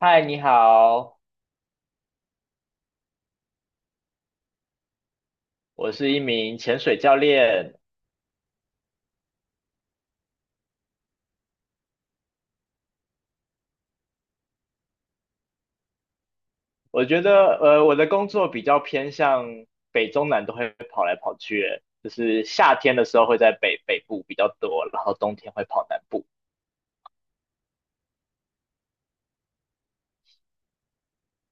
嗨，你好，我是一名潜水教练。我觉得，我的工作比较偏向北中南都会跑来跑去，欸就是夏天的时候会在北部比较多，然后冬天会跑南部。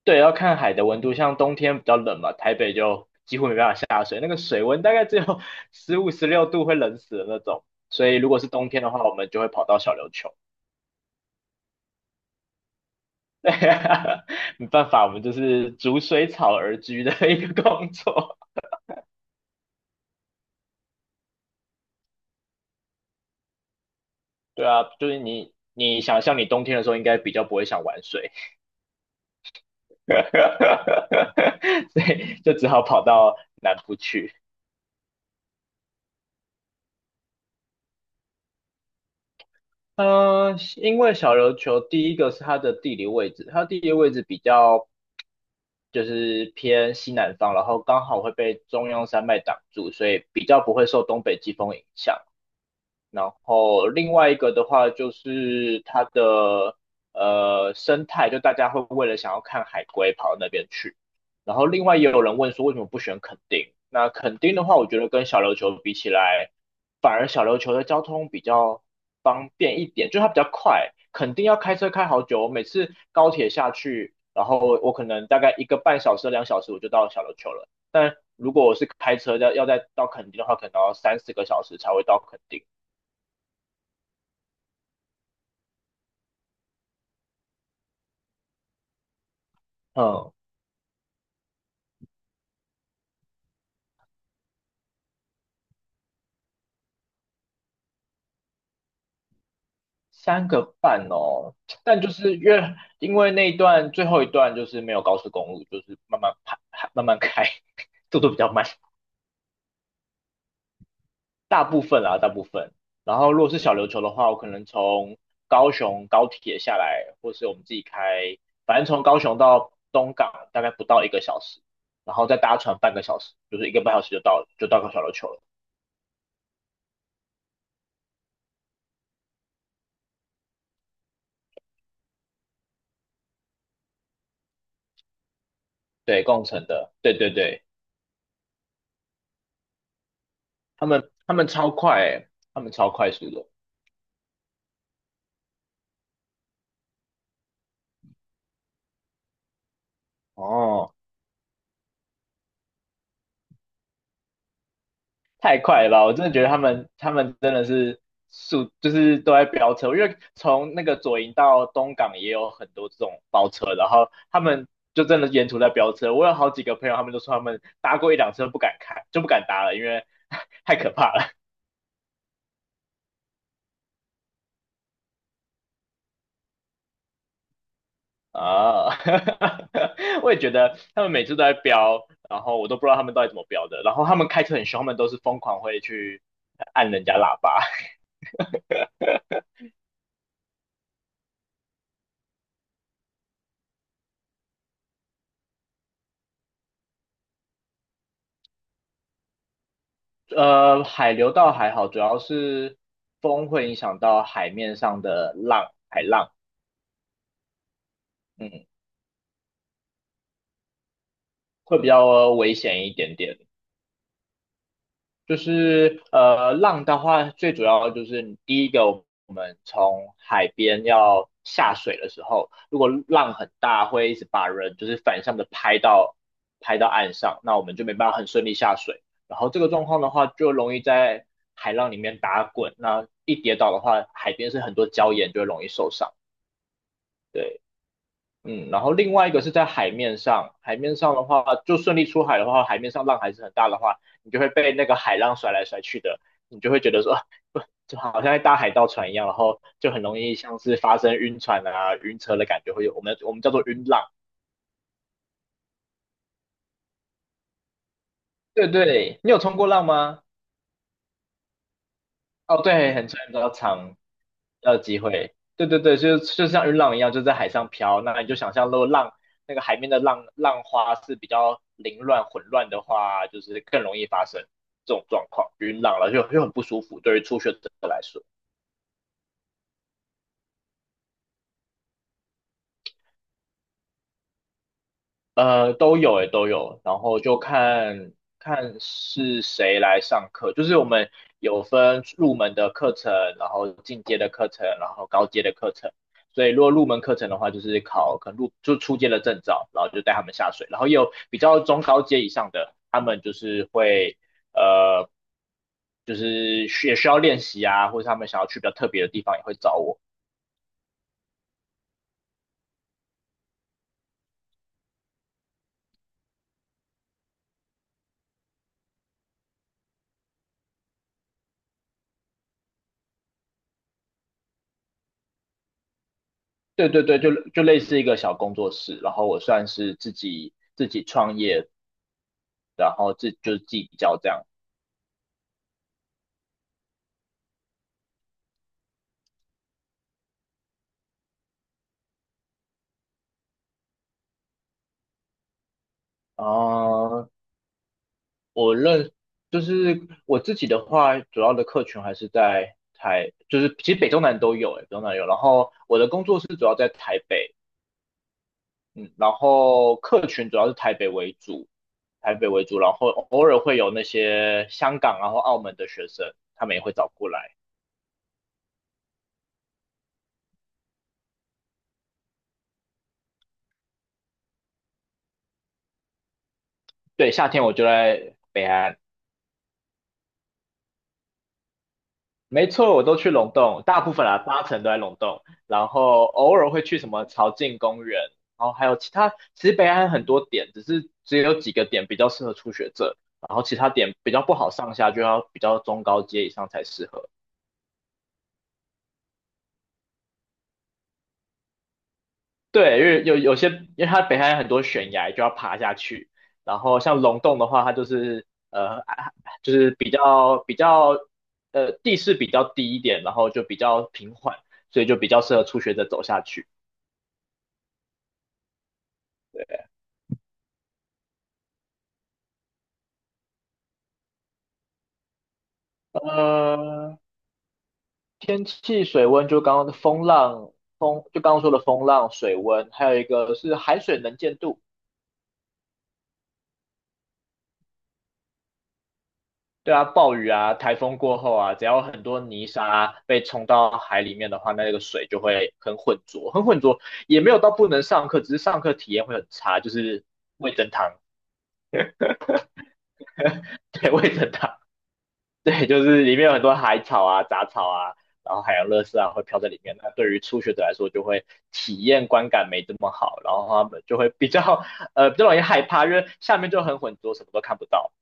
对，要看海的温度，像冬天比较冷嘛，台北就几乎没办法下水，那个水温大概只有 15、16度，会冷死的那种。所以如果是冬天的话，我们就会跑到小琉球。对，没办法，我们就是逐水草而居的一个工作。对啊，就是你想象你冬天的时候应该比较不会想玩水，所以就只好跑到南部去。嗯、因为小琉球第一个是它的地理位置，它的地理位置比较就是偏西南方，然后刚好会被中央山脉挡住，所以比较不会受东北季风影响。然后另外一个的话就是它的生态，就大家会为了想要看海龟跑到那边去。然后另外也有人问说为什么不选垦丁？那垦丁的话，我觉得跟小琉球比起来，反而小琉球的交通比较方便一点，就它比较快，垦丁要开车开好久。我每次高铁下去，然后我可能大概一个半小时、2小时我就到小琉球了。但如果我是开车要再到垦丁的话，可能要三四个小时才会到垦丁。嗯，三个半哦，但就是因为那一段最后一段就是没有高速公路，就是慢慢开，慢慢开，速度比较慢，大部分啊，大部分。然后如果是小琉球的话，我可能从高雄高铁下来，或是我们自己开，反正从高雄到东港大概不到一个小时，然后再搭船半个小时，就是一个半小时就到小琉球了。对，共乘的，对对对，他们超快欸他们超快速的。哦。太快了吧！我真的觉得他们真的是就是都在飙车。因为从那个左营到东港也有很多这种包车，然后他们就真的沿途在飙车。我有好几个朋友，他们都说他们搭过一辆车不敢开，就不敢搭了，因为 太可怕了啊！我也觉得他们每次都在飙，然后我都不知道他们到底怎么飙的。然后他们开车很凶，他们都是疯狂会去按人家喇叭。海流倒还好，主要是风会影响到海面上的浪，海浪，嗯，会比较危险一点点。就是浪的话，最主要就是第一个，我们从海边要下水的时候，如果浪很大，会一直把人就是反向的拍到岸上，那我们就没办法很顺利下水。然后这个状况的话，就容易在海浪里面打滚，那一跌倒的话，海边是很多礁岩，就会容易受伤。对，然后另外一个是在海面上，海面上的话，就顺利出海的话，海面上浪还是很大的话，你就会被那个海浪甩来甩去的，你就会觉得说，不，就好像在搭海盗船一样，然后就很容易像是发生晕船啊、晕车的感觉，会有我们叫做晕浪。对对，你有冲过浪吗？哦，对，很长比较长，要机会。对对对，就像云浪一样，就在海上飘。那你就想象，如果浪那个海面的浪浪花是比较凌乱混乱的话，就是更容易发生这种状况，云浪了就很不舒服，对于初学者来说。都有诶，都有，然后就看看是谁来上课，就是我们有分入门的课程，然后进阶的课程，然后高阶的课程。所以如果入门课程的话，就是考可能就初阶的证照，然后就带他们下水，然后也有比较中高阶以上的，他们就是会呃，就是需要练习啊，或者他们想要去比较特别的地方也会找我。对对对，就类似一个小工作室，然后我算是自己创业，然后自就是自比较这样啊、呃我认就是我自己的话，主要的客群还是就是其实北中南都有、欸，北中南有。然后我的工作室主要在台北，嗯，然后客群主要是台北为主，台北为主，然后偶尔会有那些香港啊或澳门的学生，他们也会找过来。对，夏天我就在北安。没错，我都去龙洞，大部分啦，八成都在龙洞，然后偶尔会去什么朝境公园，然后还有其他，其实北岸很多点，只是只有几个点比较适合初学者，然后其他点比较不好上下，就要比较中高阶以上才适合。对，因为有些，因为它北海岸很多悬崖就要爬下去，然后像龙洞的话，它就是就是比较比较呃地势比较低一点，然后就比较平缓，所以就比较适合初学者走下去。呃，天气、水温，就刚刚的风浪、风，就刚刚说的风浪、水温，还有一个是海水能见度。对啊，暴雨啊，台风过后啊，只要很多泥沙被冲到海里面的话，那个水就会很浑浊，很浑浊，也没有到不能上课，只是上课体验会很差，就是味噌汤，对，味噌汤。对，就是里面有很多海草啊、杂草啊，然后海洋垃圾啊会飘在里面。那对于初学者来说，就会体验观感没这么好，然后他们就会比较容易害怕，因为下面就很浑浊，什么都看不到。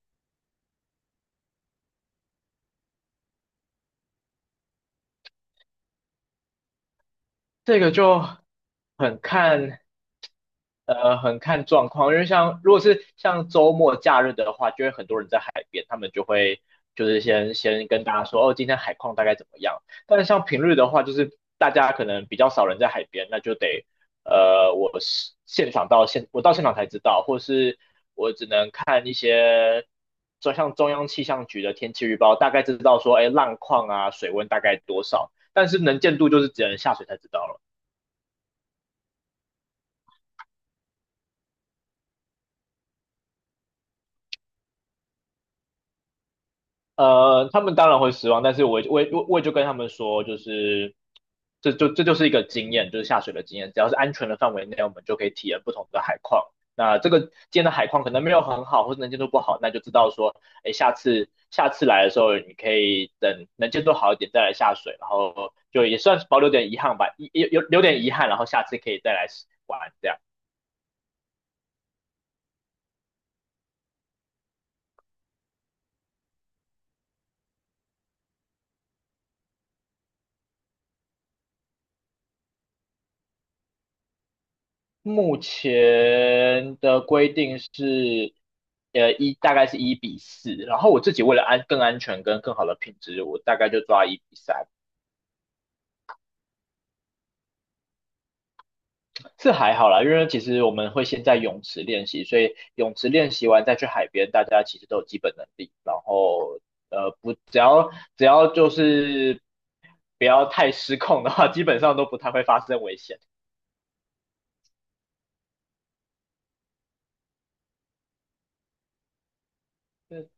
这个就很看很看状况，因为像如果是像周末假日的话，就会很多人在海边，他们就会就是先跟大家说哦，今天海况大概怎么样。但是像平日的话，就是大家可能比较少人在海边，那就得我到现场才知道，或是我只能看一些。就像中央气象局的天气预报，大概知道说，哎，浪况啊，水温大概多少，但是能见度就是只能下水才知道了。他们当然会失望，但是我也就跟他们说，就是这就是一个经验，就是下水的经验，只要是安全的范围内，我们就可以体验不同的海况。那这个今天的海况可能没有很好，或者能见度不好，那就知道说，哎，下次来的时候，你可以等能见度好一点再来下水，然后就也算是保留点遗憾吧，有留点遗憾，然后下次可以再来玩这样。目前的规定是，大概是1:4，然后我自己为了更安全跟更好的品质，我大概就抓1:3，是还好啦，因为其实我们会先在泳池练习，所以泳池练习完再去海边，大家其实都有基本能力，然后呃不只要就是不要太失控的话，基本上都不太会发生危险。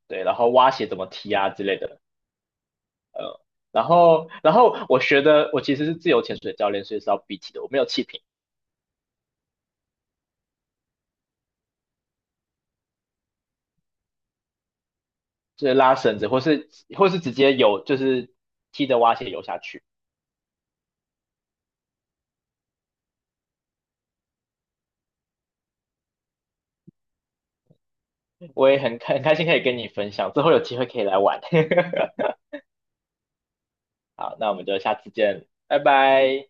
对，然后蛙鞋怎么踢啊之类的。呃，然后我学的我其实是自由潜水教练，所以是要闭气的，我没有气瓶，就是拉绳子或是直接游，就是踢着蛙鞋游下去。我也很开心可以跟你分享，之后有机会可以来玩。好，那我们就下次见，拜拜。